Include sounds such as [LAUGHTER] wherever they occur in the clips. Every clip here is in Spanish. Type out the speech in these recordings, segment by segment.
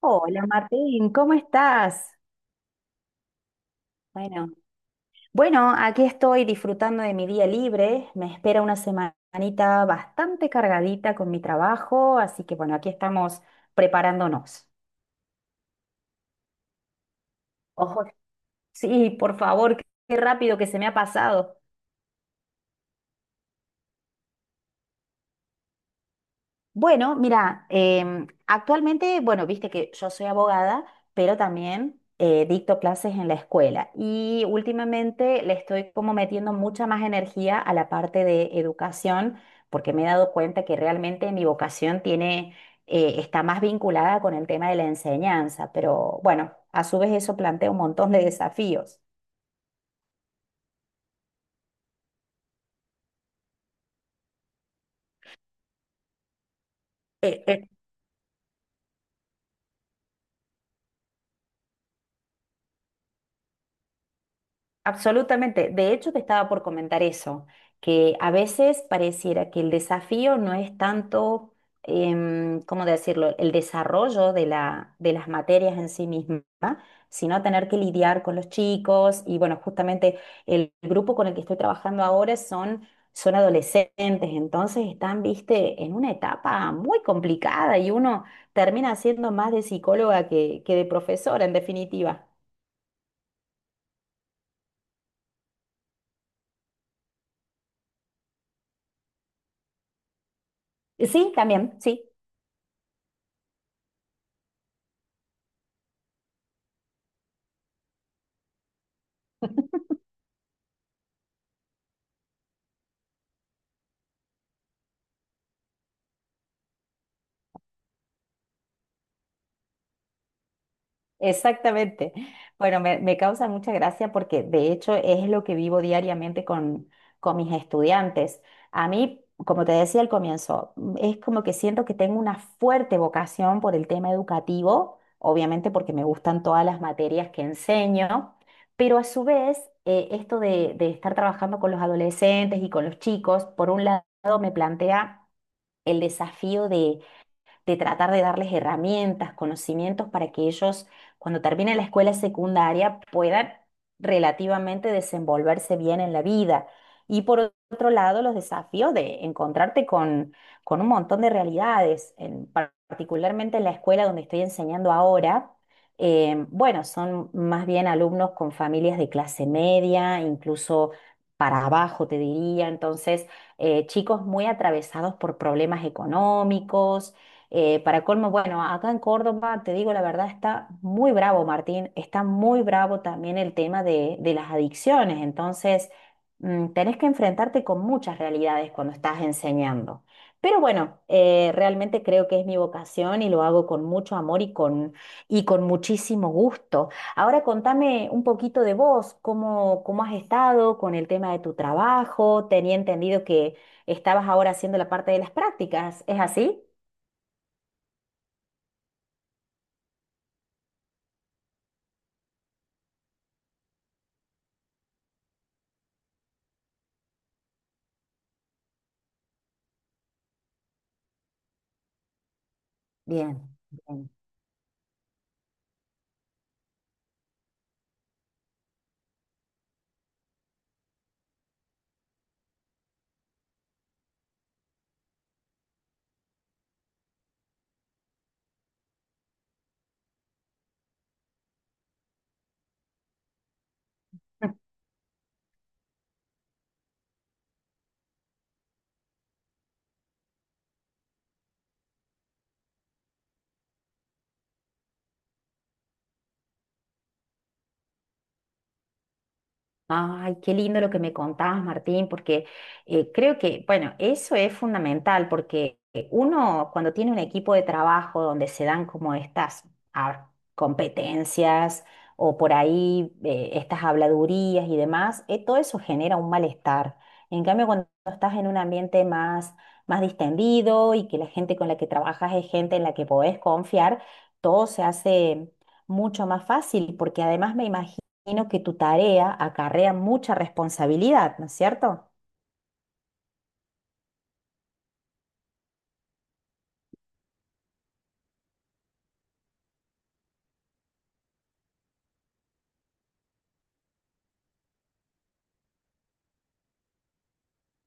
Hola Martín, ¿cómo estás? Bueno, bueno, aquí estoy disfrutando de mi día libre. Me espera una semanita bastante cargadita con mi trabajo, así que bueno, aquí estamos preparándonos. Ojo, sí, por favor, qué rápido que se me ha pasado. Bueno, mira, actualmente, bueno, viste que yo soy abogada, pero también dicto clases en la escuela y últimamente le estoy como metiendo mucha más energía a la parte de educación porque me he dado cuenta que realmente mi vocación tiene, está más vinculada con el tema de la enseñanza, pero bueno, a su vez eso plantea un montón de desafíos. Eh, eh, Absolutamente. De hecho, te estaba por comentar eso, que a veces pareciera que el desafío no es tanto, ¿cómo decirlo?, el desarrollo de la, de las materias en sí misma, sino tener que lidiar con los chicos. Y bueno, justamente el grupo con el que estoy trabajando ahora son, son adolescentes, entonces están, viste, en una etapa muy complicada y uno termina siendo más de psicóloga que de profesora, en definitiva. Sí, también, sí. Exactamente. Bueno, me causa mucha gracia porque de hecho es lo que vivo diariamente con mis estudiantes. A mí, como te decía al comienzo, es como que siento que tengo una fuerte vocación por el tema educativo, obviamente porque me gustan todas las materias que enseño, pero a su vez, esto de estar trabajando con los adolescentes y con los chicos, por un lado me plantea el desafío de tratar de darles herramientas, conocimientos para que ellos, cuando terminen la escuela secundaria, puedan relativamente desenvolverse bien en la vida. Y por otro lado, los desafíos de encontrarte con un montón de realidades, particularmente en la escuela donde estoy enseñando ahora. Bueno, son más bien alumnos con familias de clase media, incluso para abajo, te diría. Entonces, chicos muy atravesados por problemas económicos, para colmo, bueno, acá en Córdoba, te digo la verdad, está muy bravo, Martín, está muy bravo también el tema de las adicciones, entonces tenés que enfrentarte con muchas realidades cuando estás enseñando. Pero bueno, realmente creo que es mi vocación y lo hago con mucho amor y con muchísimo gusto. Ahora contame un poquito de vos, cómo, cómo has estado con el tema de tu trabajo, tenía entendido que estabas ahora haciendo la parte de las prácticas, ¿es así? Bien, bien. Ay, qué lindo lo que me contabas, Martín, porque creo que, bueno, eso es fundamental, porque uno cuando tiene un equipo de trabajo donde se dan como estas competencias o por ahí estas habladurías y demás, todo eso genera un malestar. En cambio, cuando estás en un ambiente más, más distendido y que la gente con la que trabajas es gente en la que podés confiar, todo se hace mucho más fácil, porque además me imagino imagino que tu tarea acarrea mucha responsabilidad, ¿no es cierto?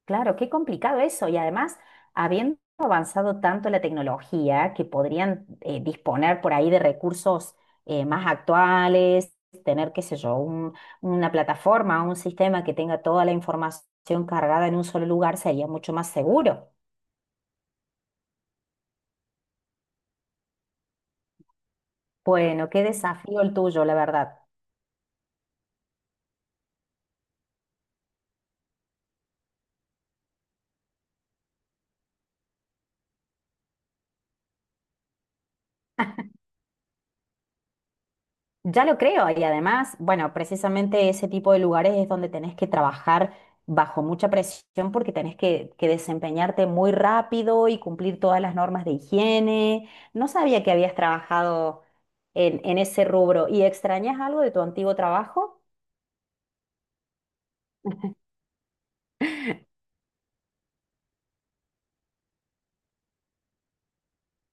Claro, qué complicado eso. Y además, habiendo avanzado tanto la tecnología, que podrían disponer por ahí de recursos más actuales, tener, qué sé yo, una plataforma, un sistema que tenga toda la información cargada en un solo lugar, sería mucho más seguro. Bueno, qué desafío el tuyo, la verdad. Ya lo creo, y además, bueno, precisamente ese tipo de lugares es donde tenés que trabajar bajo mucha presión porque tenés que desempeñarte muy rápido y cumplir todas las normas de higiene. No sabía que habías trabajado en ese rubro. ¿Y extrañas algo de tu antiguo trabajo?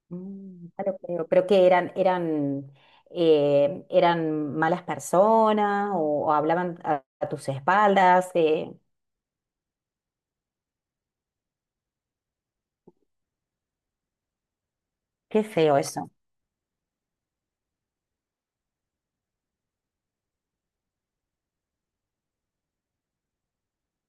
Mm, ya lo creo. ¿Pero que eran, eran, eran malas personas o hablaban a tus espaldas? Qué feo eso.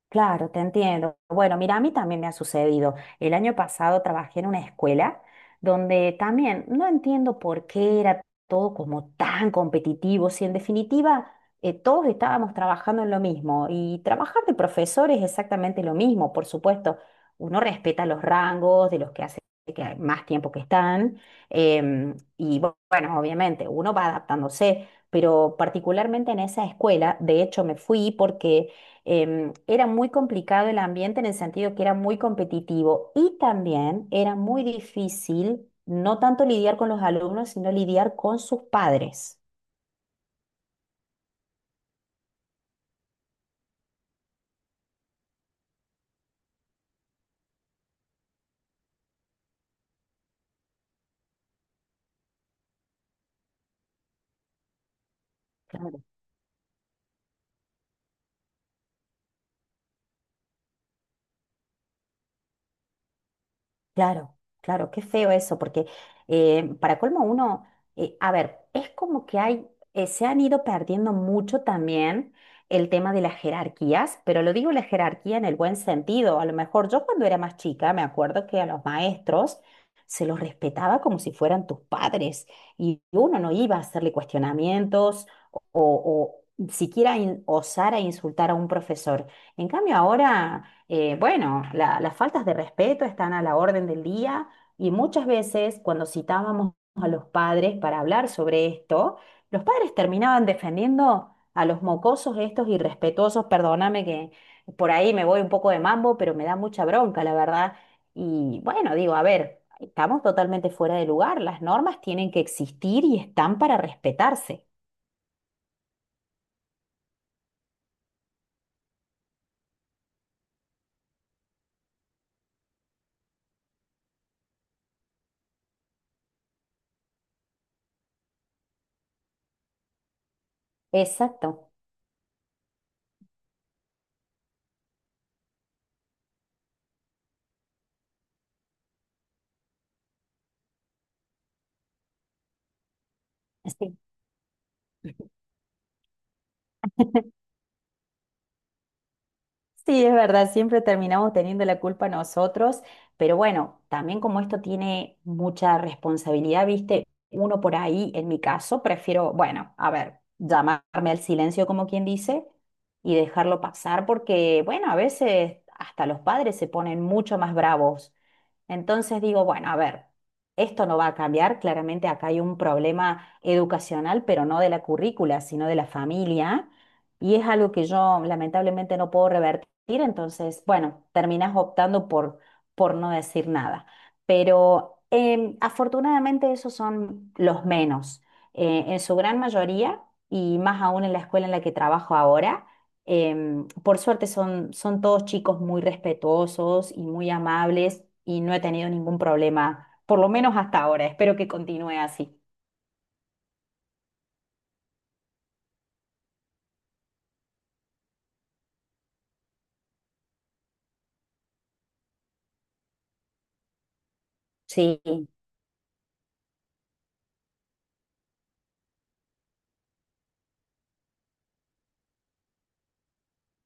Claro, te entiendo. Bueno, mira, a mí también me ha sucedido. El año pasado trabajé en una escuela donde también no entiendo por qué era todo como tan competitivo, si en definitiva todos estábamos trabajando en lo mismo y trabajar de profesor es exactamente lo mismo, por supuesto. Uno respeta los rangos de los que hace que más tiempo que están y bueno, obviamente uno va adaptándose, pero particularmente en esa escuela, de hecho me fui porque era muy complicado el ambiente en el sentido que era muy competitivo y también era muy difícil no tanto lidiar con los alumnos, sino lidiar con sus padres. Claro. Claro, claro, qué feo eso, porque para colmo uno, a ver, es como que hay, se han ido perdiendo mucho también el tema de las jerarquías, pero lo digo la jerarquía en el buen sentido. A lo mejor yo cuando era más chica me acuerdo que a los maestros se los respetaba como si fueran tus padres y uno no iba a hacerle cuestionamientos o siquiera osar a insultar a un profesor. En cambio ahora... bueno, las faltas de respeto están a la orden del día y muchas veces cuando citábamos a los padres para hablar sobre esto, los padres terminaban defendiendo a los mocosos estos irrespetuosos, perdóname que por ahí me voy un poco de mambo, pero me da mucha bronca, la verdad. Y bueno, digo, a ver, estamos totalmente fuera de lugar, las normas tienen que existir y están para respetarse. Exacto. [LAUGHS] Sí. Sí, es verdad, siempre terminamos teniendo la culpa nosotros, pero bueno, también como esto tiene mucha responsabilidad, viste, uno por ahí, en mi caso, prefiero, bueno, a ver, llamarme al silencio como quien dice y dejarlo pasar porque, bueno, a veces hasta los padres se ponen mucho más bravos. Entonces digo, bueno, a ver, esto no va a cambiar, claramente acá hay un problema educacional, pero no de la currícula, sino de la familia. Y es algo que yo lamentablemente no puedo revertir decir, entonces, bueno, terminas optando por no decir nada. Pero afortunadamente esos son los menos. En su gran mayoría, y más aún en la escuela en la que trabajo ahora, por suerte son, son todos chicos muy respetuosos y muy amables y no he tenido ningún problema, por lo menos hasta ahora. Espero que continúe así. Sí.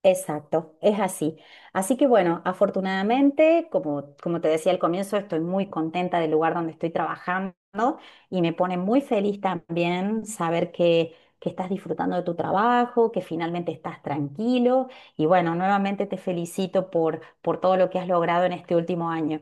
Exacto, es así. Así que bueno, afortunadamente, como, como te decía al comienzo, estoy muy contenta del lugar donde estoy trabajando y me pone muy feliz también saber que estás disfrutando de tu trabajo, que finalmente estás tranquilo y bueno, nuevamente te felicito por todo lo que has logrado en este último año.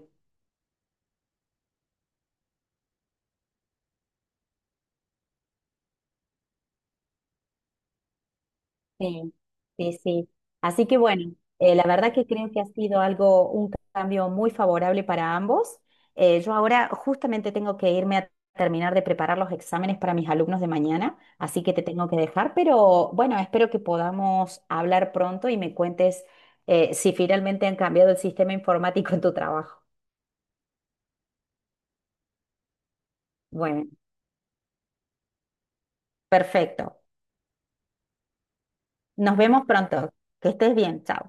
Sí, sí, sí. Así que bueno, la verdad que creo que ha sido algo, un cambio muy favorable para ambos. Yo ahora justamente tengo que irme a terminar de preparar los exámenes para mis alumnos de mañana, así que te tengo que dejar, pero bueno, espero que podamos hablar pronto y me cuentes si finalmente han cambiado el sistema informático en tu trabajo. Bueno, perfecto. Nos vemos pronto. Que estés bien. Chao.